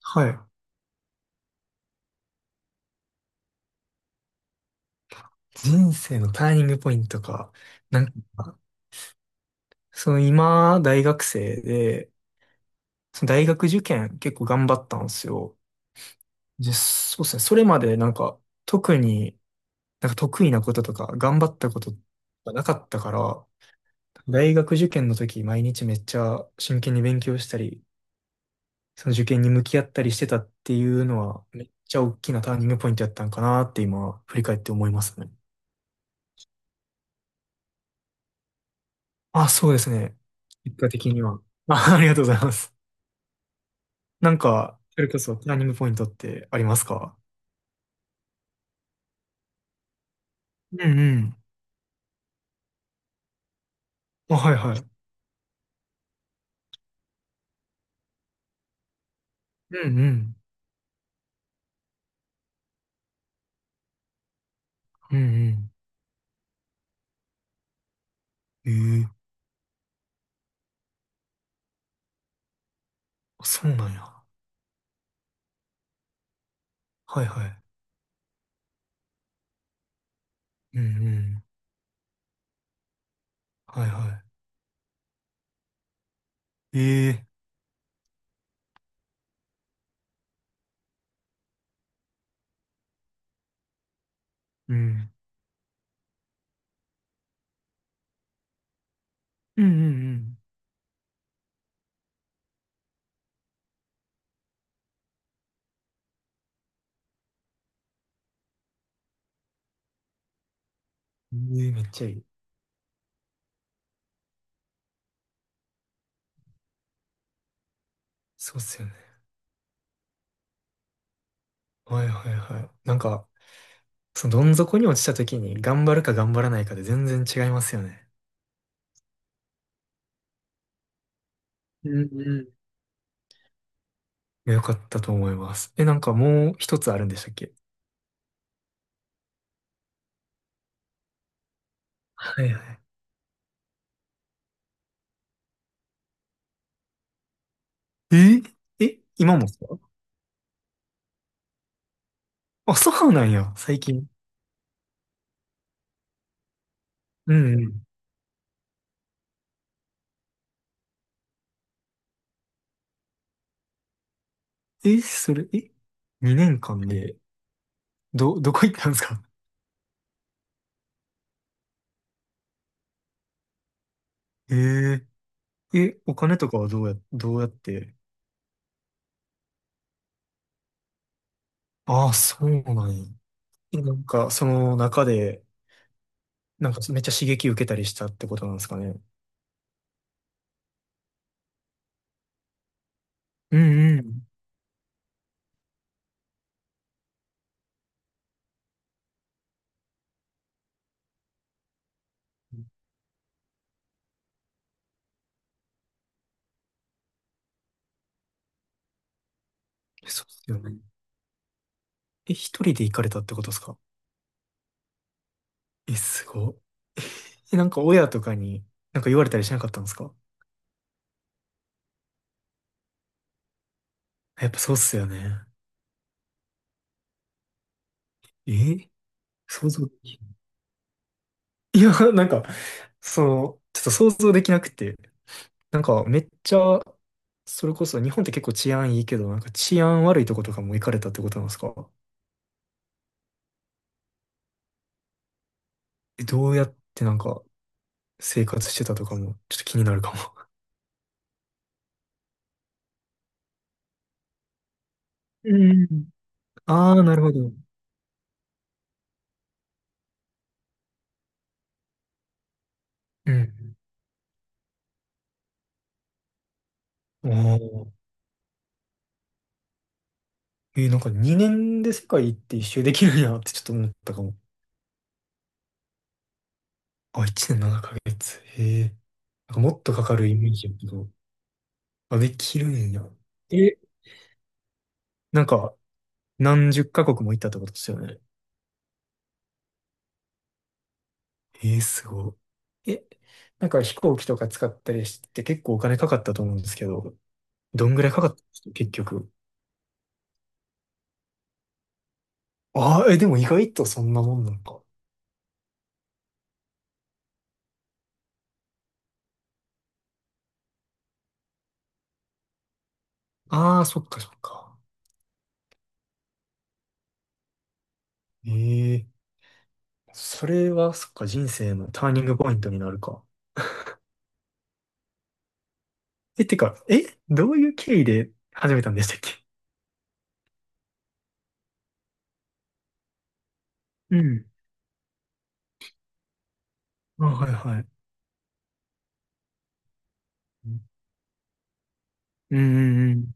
はい。人生のターニングポイントか。なんか、その今、大学生で、その大学受験結構頑張ったんですよ。で、そうですね。それまで特に得意なこととか、頑張ったことがなかったから、大学受験の時、毎日めっちゃ真剣に勉強したり、その受験に向き合ったりしてたっていうのは、めっちゃ大きなターニングポイントやったんかなって今、振り返って思いますね。あ、そうですね。結果的には。あ、ありがとうございます。なんか、それこそプランニングポイントってありますか？うんうん。あ、はいはい。うんうん。うんうん。ええ、あ、そうなんや。はいはい。うんうん。はいはい。ええ、うん。うんうんうん。ええ、めっちゃいい。そうっすよね。はいはいはい。なんか、そのどん底に落ちた時に頑張るか頑張らないかで全然違いますよね。うんうん。いや、よかったと思います。え、なんかもう一つあるんでしたっけ？はいはい。ええ、今もですか？あ、そうなんや、最近。うんうん。え、それ、え、2年間で、ど、どこ行ったんですか？え、ええ、お金とかはどうや、どうやって。ああ、そうなんや。え、その中で、なんかめっちゃ刺激受けたりしたってことなんですかね。うんうん。そうですよね。え、一人で行かれたってことですか？え、すごっ。え、なんか親とかに、なんか言われたりしなかったんですか？やっぱそうっすよね。え、想像。いや、なんか、その、ちょっと想像できなくて、なんかめっちゃ、それこそ日本って結構治安いいけど、なんか治安悪いとことかも行かれたってことなんですか？え、どうやってなんか生活してたとかもちょっと気になるかも。うん。ああ、なるほど。うん。おー。えー、なんか2年で世界って一周できるんやってちょっと思ったかも。あ、1年7ヶ月。へえ。なんかもっとかかるイメージやけど。あ、できるんや。え、なんか、何十カ国も行ったってことですよね。えー、すごい。え、なんか飛行機とか使ったりして結構お金かかったと思うんですけど、どんぐらいかかったんですか結局。ああ、え、でも意外とそんなもんなのか。ああ、そっかそっか。ええ、それはそっか、人生のターニングポイントになるか。え、てか、え、どういう経緯で始めたんでしたっけ？うん。あ、はいはい。うんうんうん。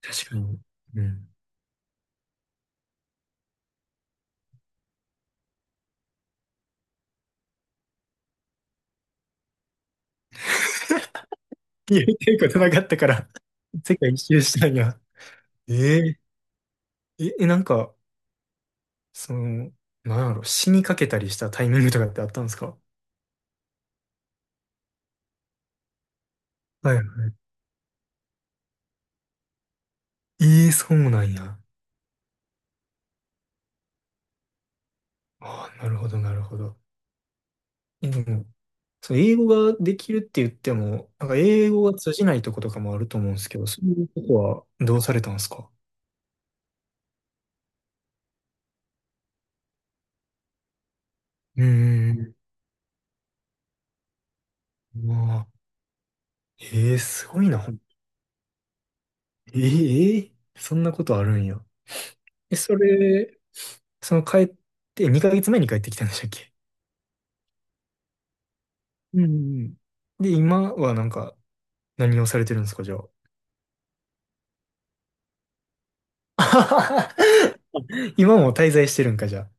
確かに。うん。いや、言っていうことなかったから、世界一周したんや。え、ええ、え、その、なんやろ、死にかけたりしたタイミングとかってあったんですか？はいはい。ええ、そうなんや。ああ、なるほど、なるほど。え、でも、その英語ができるって言っても、なんか英語が通じないとことかもあると思うんですけど、そういうとこはどうされたんですか？うーん。まあ、ええ、すごいな。ええ、ええ、そんなことあるんや。え、それ、その帰って、2ヶ月前に帰ってきたんでしたっけ？うんうん。で、今はなんか、何をされてるんですか、じゃあ。今も滞在してるんか、じゃあ。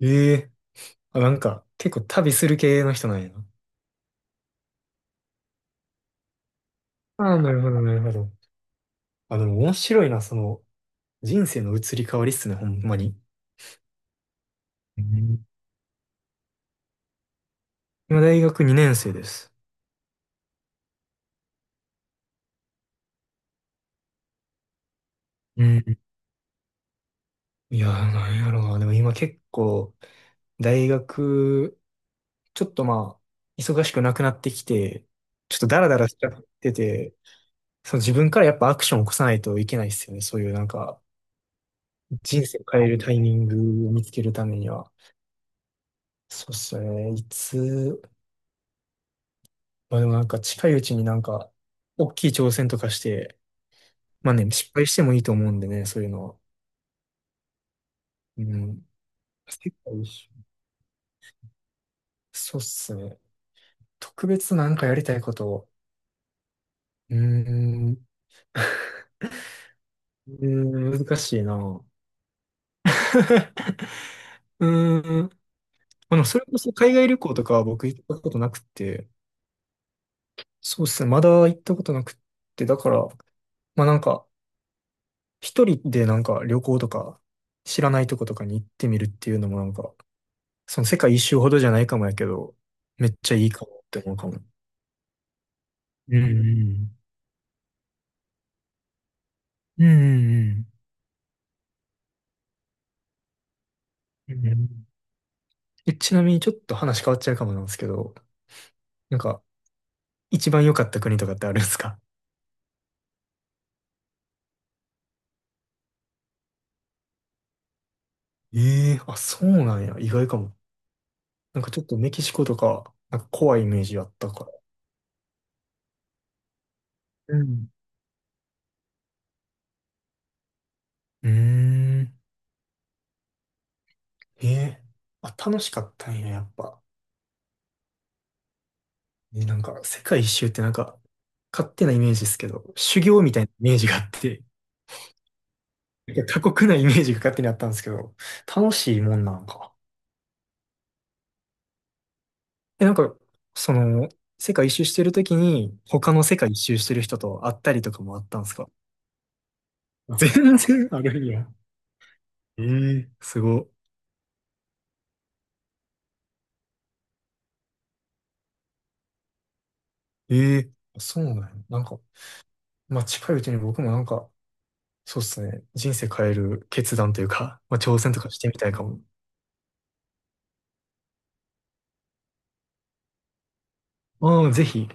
ええ、あ、なんか、結構旅する系の人なんやな。ああ、なるほど、なるほど。あ、でも面白いな、その、人生の移り変わりっすね、ほんまに。うん、今、大学2年生です。うん。いやー、なんやろな。でも今結構、大学、ちょっとまあ、忙しくなくなってきて、ちょっとダラダラしちゃってて、その自分からやっぱアクションを起こさないといけないっすよね。そういうなんか、人生を変えるタイミングを見つけるためには、そうっすよね。いつ、まあでもなんか近いうちになんか、大きい挑戦とかして、まあね、失敗してもいいと思うんでね、そういうのは。うん。世界一周、そうっすね。特別なんかやりたいことを。うーん。うーん、難しいな。うーん。あの、それこそ海外旅行とかは僕行ったことなくて、そうっすね。まだ行ったことなくって、だから、まあなんか、一人でなんか旅行とか、知らないとことかに行ってみるっていうのもその世界一周ほどじゃないかもやけど、めっちゃいいかもって思うかも。うんうんうん。うんうんうん。え、ちなみにちょっと話変わっちゃうかもなんですけど、なんか、一番良かった国とかってあるんですか？ええー、あ、そうなんや。意外かも。なんかちょっとメキシコとか、なんか怖いイメージあったから。うん。うーん。ええ、あ、楽しかったんや、やっぱ。ね、なんか、世界一周ってなんか、勝手なイメージですけど、修行みたいなイメージがあって、なんか過酷なイメージが勝手にあったんですけど、楽しいもんなんか。え、なんか、その、世界一周してるときに、他の世界一周してる人と会ったりとかもあったんですか？ 全然あるんや。ええ、すご。ええ、そうなんだよ。なんか、まあ、近いうちに僕もなんか、そうっすね、人生変える決断というか、まあ、挑戦とかしてみたいかも。ああ、ぜひ。